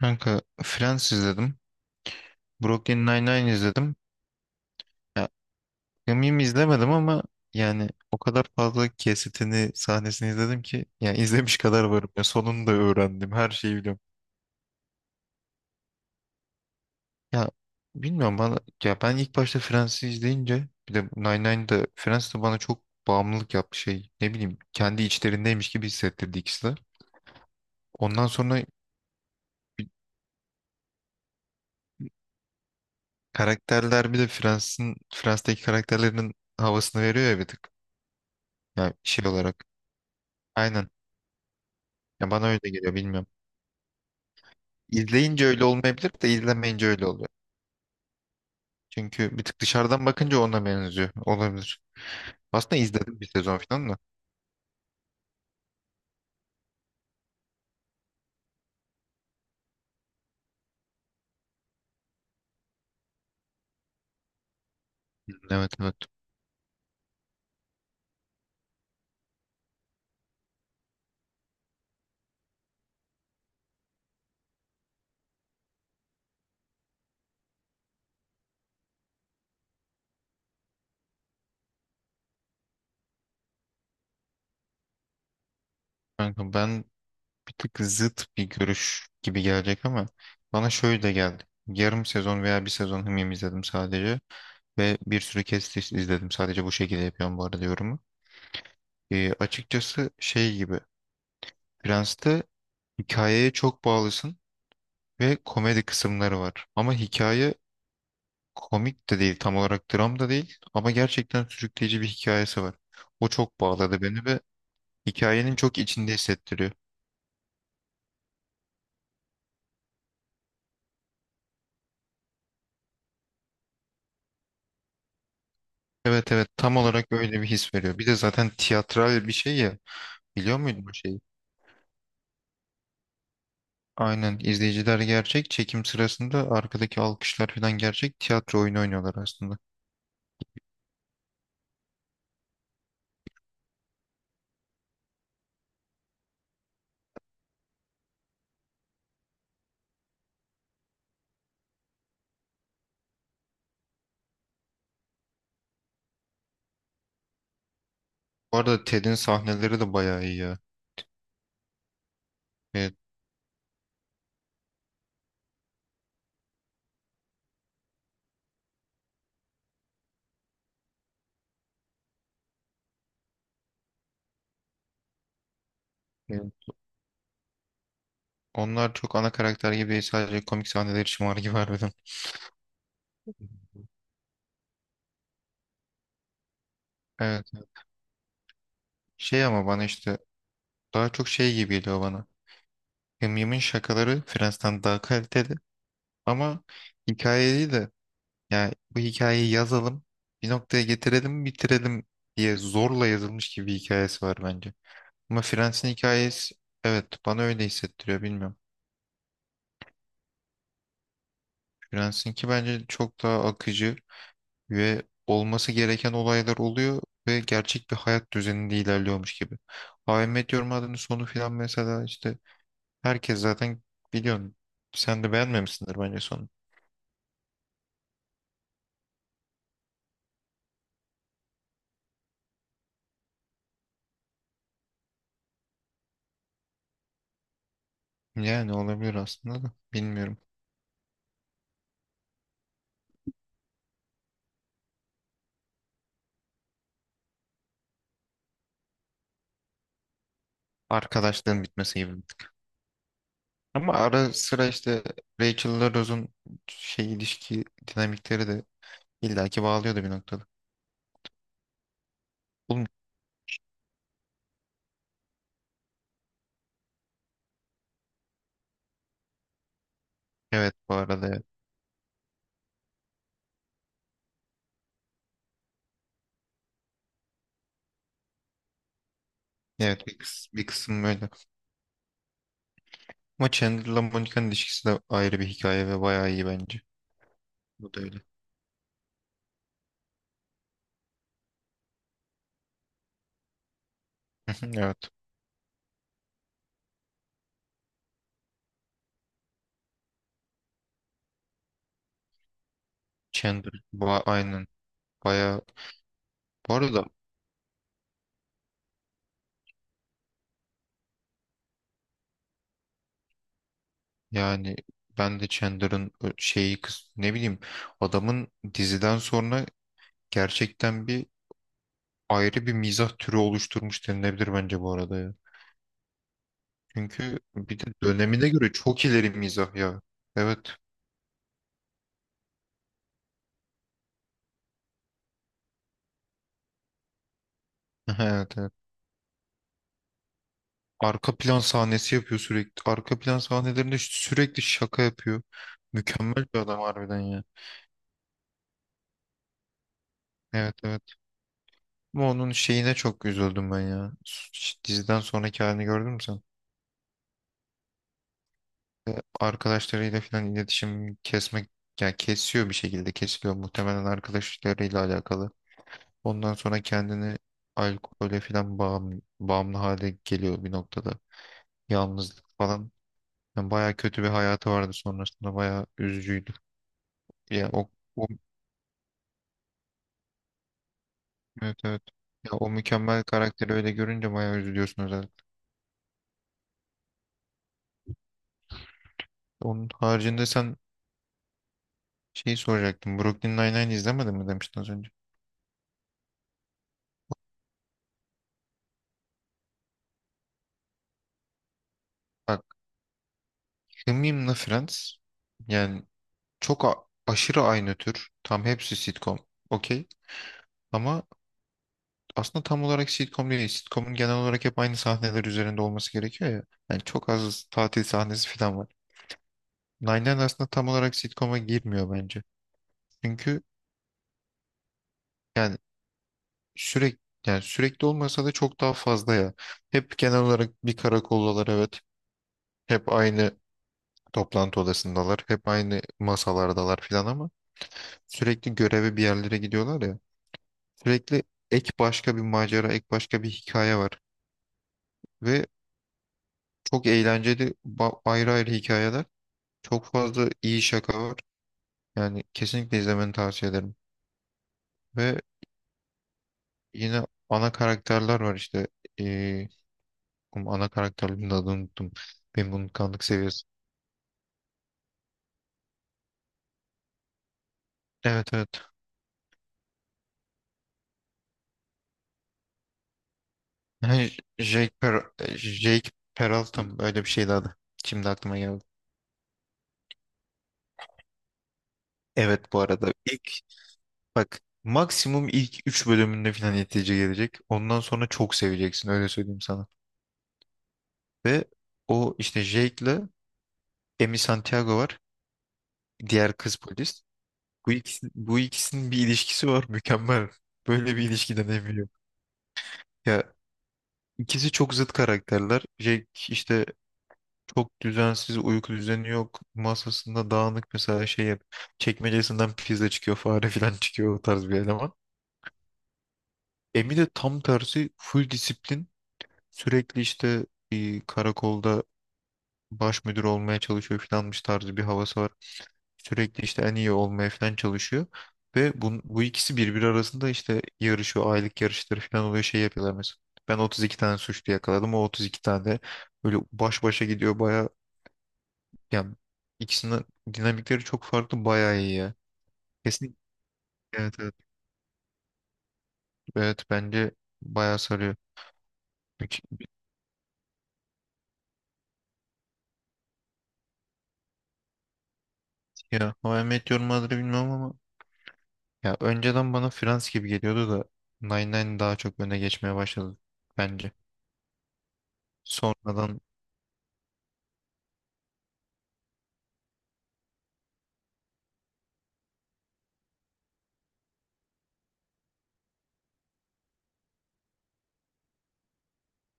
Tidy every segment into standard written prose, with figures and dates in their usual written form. Kanka Friends izledim. Brooklyn Nine-Nine izledim. Ya, Gamim izlemedim ama yani o kadar fazla kesitini, sahnesini izledim ki yani izlemiş kadar varım. Ya, sonunu da öğrendim. Her şeyi biliyorum. Ya bilmiyorum bana ya ben ilk başta Friends'i izleyince bir de Nine-Nine'da Friends de bana çok bağımlılık yaptı şey. Ne bileyim kendi içlerindeymiş gibi hissettirdi ikisi de. Ondan sonra bir- karakterler bir de Friends'teki karakterlerin havasını veriyor ya bir tık. Yani şey olarak. Aynen. Ya bana öyle geliyor bilmiyorum. İzleyince öyle olmayabilir de izlemeyince öyle oluyor. Çünkü bir tık dışarıdan bakınca ona benziyor. Olabilir. Aslında izledim bir sezon falan da. Evet, evet. Kanka ben bir tık zıt bir görüş gibi gelecek ama bana şöyle de geldi. Yarım sezon veya bir sezon Hımyım izledim sadece. Ve bir sürü kesit izledim. Sadece bu şekilde yapıyorum bu arada yorumu. Açıkçası şey gibi. Prens'te hikayeye çok bağlısın ve komedi kısımları var. Ama hikaye komik de değil tam olarak dram da değil ama gerçekten sürükleyici bir hikayesi var. O çok bağladı beni ve hikayenin çok içinde hissettiriyor. Evet, evet, tam olarak öyle bir his veriyor. Bir de zaten tiyatral bir şey ya. Biliyor muydun bu şeyi? Aynen, izleyiciler gerçek, çekim sırasında arkadaki alkışlar falan gerçek, tiyatro oyunu oynuyorlar aslında. Bu arada Ted'in sahneleri de bayağı iyi ya. Evet, evet. Onlar çok ana karakter gibi değil, sadece komik sahneler için var gibi harbiden. Evet. Şey ama bana işte daha çok şey gibi geliyor bana. Yımyım'ın şakaları Friends'ten daha kaliteli ama hikayeyi de yani bu hikayeyi yazalım bir noktaya getirelim bitirelim diye zorla yazılmış gibi bir hikayesi var bence. Ama Friends'in hikayesi, evet bana öyle hissettiriyor bilmiyorum. Friends'inki bence çok daha akıcı ve olması gereken olaylar oluyor ve gerçek bir hayat düzeninde ilerliyormuş gibi. How I Met Your Mother'ın sonu filan mesela işte herkes zaten biliyorsun, sen de beğenmemişsindir bence sonu. Yani olabilir aslında da bilmiyorum. Arkadaşlığın bitmesi gibi, bir tık. Ama ara sıra işte Rachel'la Rose'un şey ilişki dinamikleri de illaki bağlıyordu bir noktada. Oğlum, evet bu arada evet. Evet, bir kısım öyle. Ama Chandler'la Monica'nın ilişkisi de ayrı bir hikaye ve bayağı iyi bence. Bu da öyle. Evet. Chandler aynen. Bayağı bu arada yani ben de Chandler'ın şeyi kız ne bileyim adamın diziden sonra gerçekten bir ayrı bir mizah türü oluşturmuş denilebilir bence bu arada ya. Çünkü bir de dönemine göre çok ileri mizah ya. Evet. Evet, evet. Arka plan sahnesi yapıyor sürekli. Arka plan sahnelerinde sürekli şaka yapıyor. Mükemmel bir adam harbiden ya. Evet, evet. Ama onun şeyine çok üzüldüm ben ya. Diziden sonraki halini gördün mü sen? Arkadaşlarıyla falan iletişim kesmek yani kesiyor, bir şekilde kesiliyor muhtemelen arkadaşlarıyla alakalı. Ondan sonra kendini alkole falan bağımlı hale geliyor bir noktada. Yalnızlık falan. Yani bayağı kötü bir hayatı vardı sonrasında. Bayağı üzücüydü. Ya o, evet evet. Ya o mükemmel karakteri öyle görünce bayağı üzülüyorsun özellikle. Onun haricinde sen şeyi soracaktım. Brooklyn Nine-Nine izlemedin mi demiştin az önce. Bak Hımim'le Friends yani çok aşırı aynı tür. Tam hepsi sitcom. Okey. Ama aslında tam olarak sitcom değil. Sitcom'un genel olarak hep aynı sahneler üzerinde olması gerekiyor ya. Yani çok az tatil sahnesi falan var. Nine Nine aslında tam olarak sitcom'a girmiyor bence. Çünkü yani sürekli yani sürekli olmasa da çok daha fazla ya. Hep genel olarak bir karakoldalar, evet. Hep aynı toplantı odasındalar. Hep aynı masalardalar falan ama sürekli göreve bir yerlere gidiyorlar ya. Sürekli ek başka bir macera, ek başka bir hikaye var. Ve çok eğlenceli ayrı ayrı hikayeler. Çok fazla iyi şaka var. Yani kesinlikle izlemeni tavsiye ederim. Ve yine ana karakterler var işte. Ee, oğlum ana karakterlerin adını unuttum. Benim unutkanlık seviyesi. Evet, evet. Yani Jake, Per Jake Peralta mı? Öyle bir şeydi adı. Şimdi aklıma geldi. Evet bu arada ilk bak maksimum ilk 3 bölümünde falan netice gelecek. Ondan sonra çok seveceksin öyle söyleyeyim sana. Ve o işte Jake'le Emi Santiago var. Diğer kız polis. Bu ikisinin bir ilişkisi var mükemmel. Böyle bir ilişki deneyimi yok. Ya ikisi çok zıt karakterler. Jack işte çok düzensiz, uyku düzeni yok. Masasında dağınık mesela çekmecesinden pizza çıkıyor, fare falan çıkıyor o tarz bir eleman. Emi de tam tersi full disiplin. Sürekli işte bir karakolda baş müdür olmaya çalışıyor falanmış tarzı bir havası var. Sürekli işte en iyi olmaya falan çalışıyor. Ve bu ikisi birbiri arasında işte yarışıyor. Aylık yarışları falan oluyor. Şey yapıyorlar mesela. Ben 32 tane suçlu yakaladım. O 32 tane de böyle baş başa gidiyor. Baya yani ikisinin dinamikleri çok farklı. Baya iyi ya. Kesin. Evet, evet. Evet bence baya sarıyor. Peki, ya How I Met Your Mother'ı bilmem ama ya önceden bana Friends gibi geliyordu da Nine Nine daha çok öne geçmeye başladı bence. Sonradan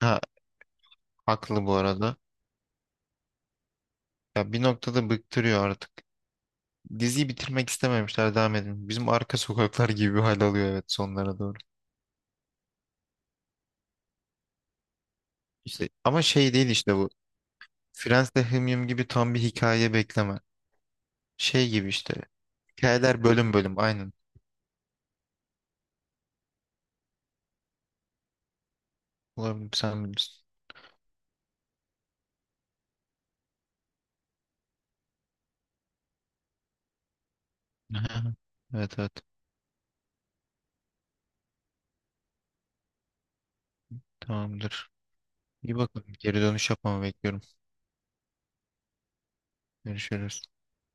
ha haklı bu arada. Ya bir noktada bıktırıyor artık. Diziyi bitirmek istememişler, devam edin. Bizim arka sokaklar gibi bir hal alıyor, evet sonlara doğru. İşte ama şey değil işte bu. Friends'te Hım Yım gibi tam bir hikaye bekleme. Şey gibi işte. Hikayeler bölüm bölüm aynen. Olabilir sen bilirsin. Evet, evet, tamamdır. İyi bakalım. Geri dönüş yapmamı bekliyorum. Görüşürüz.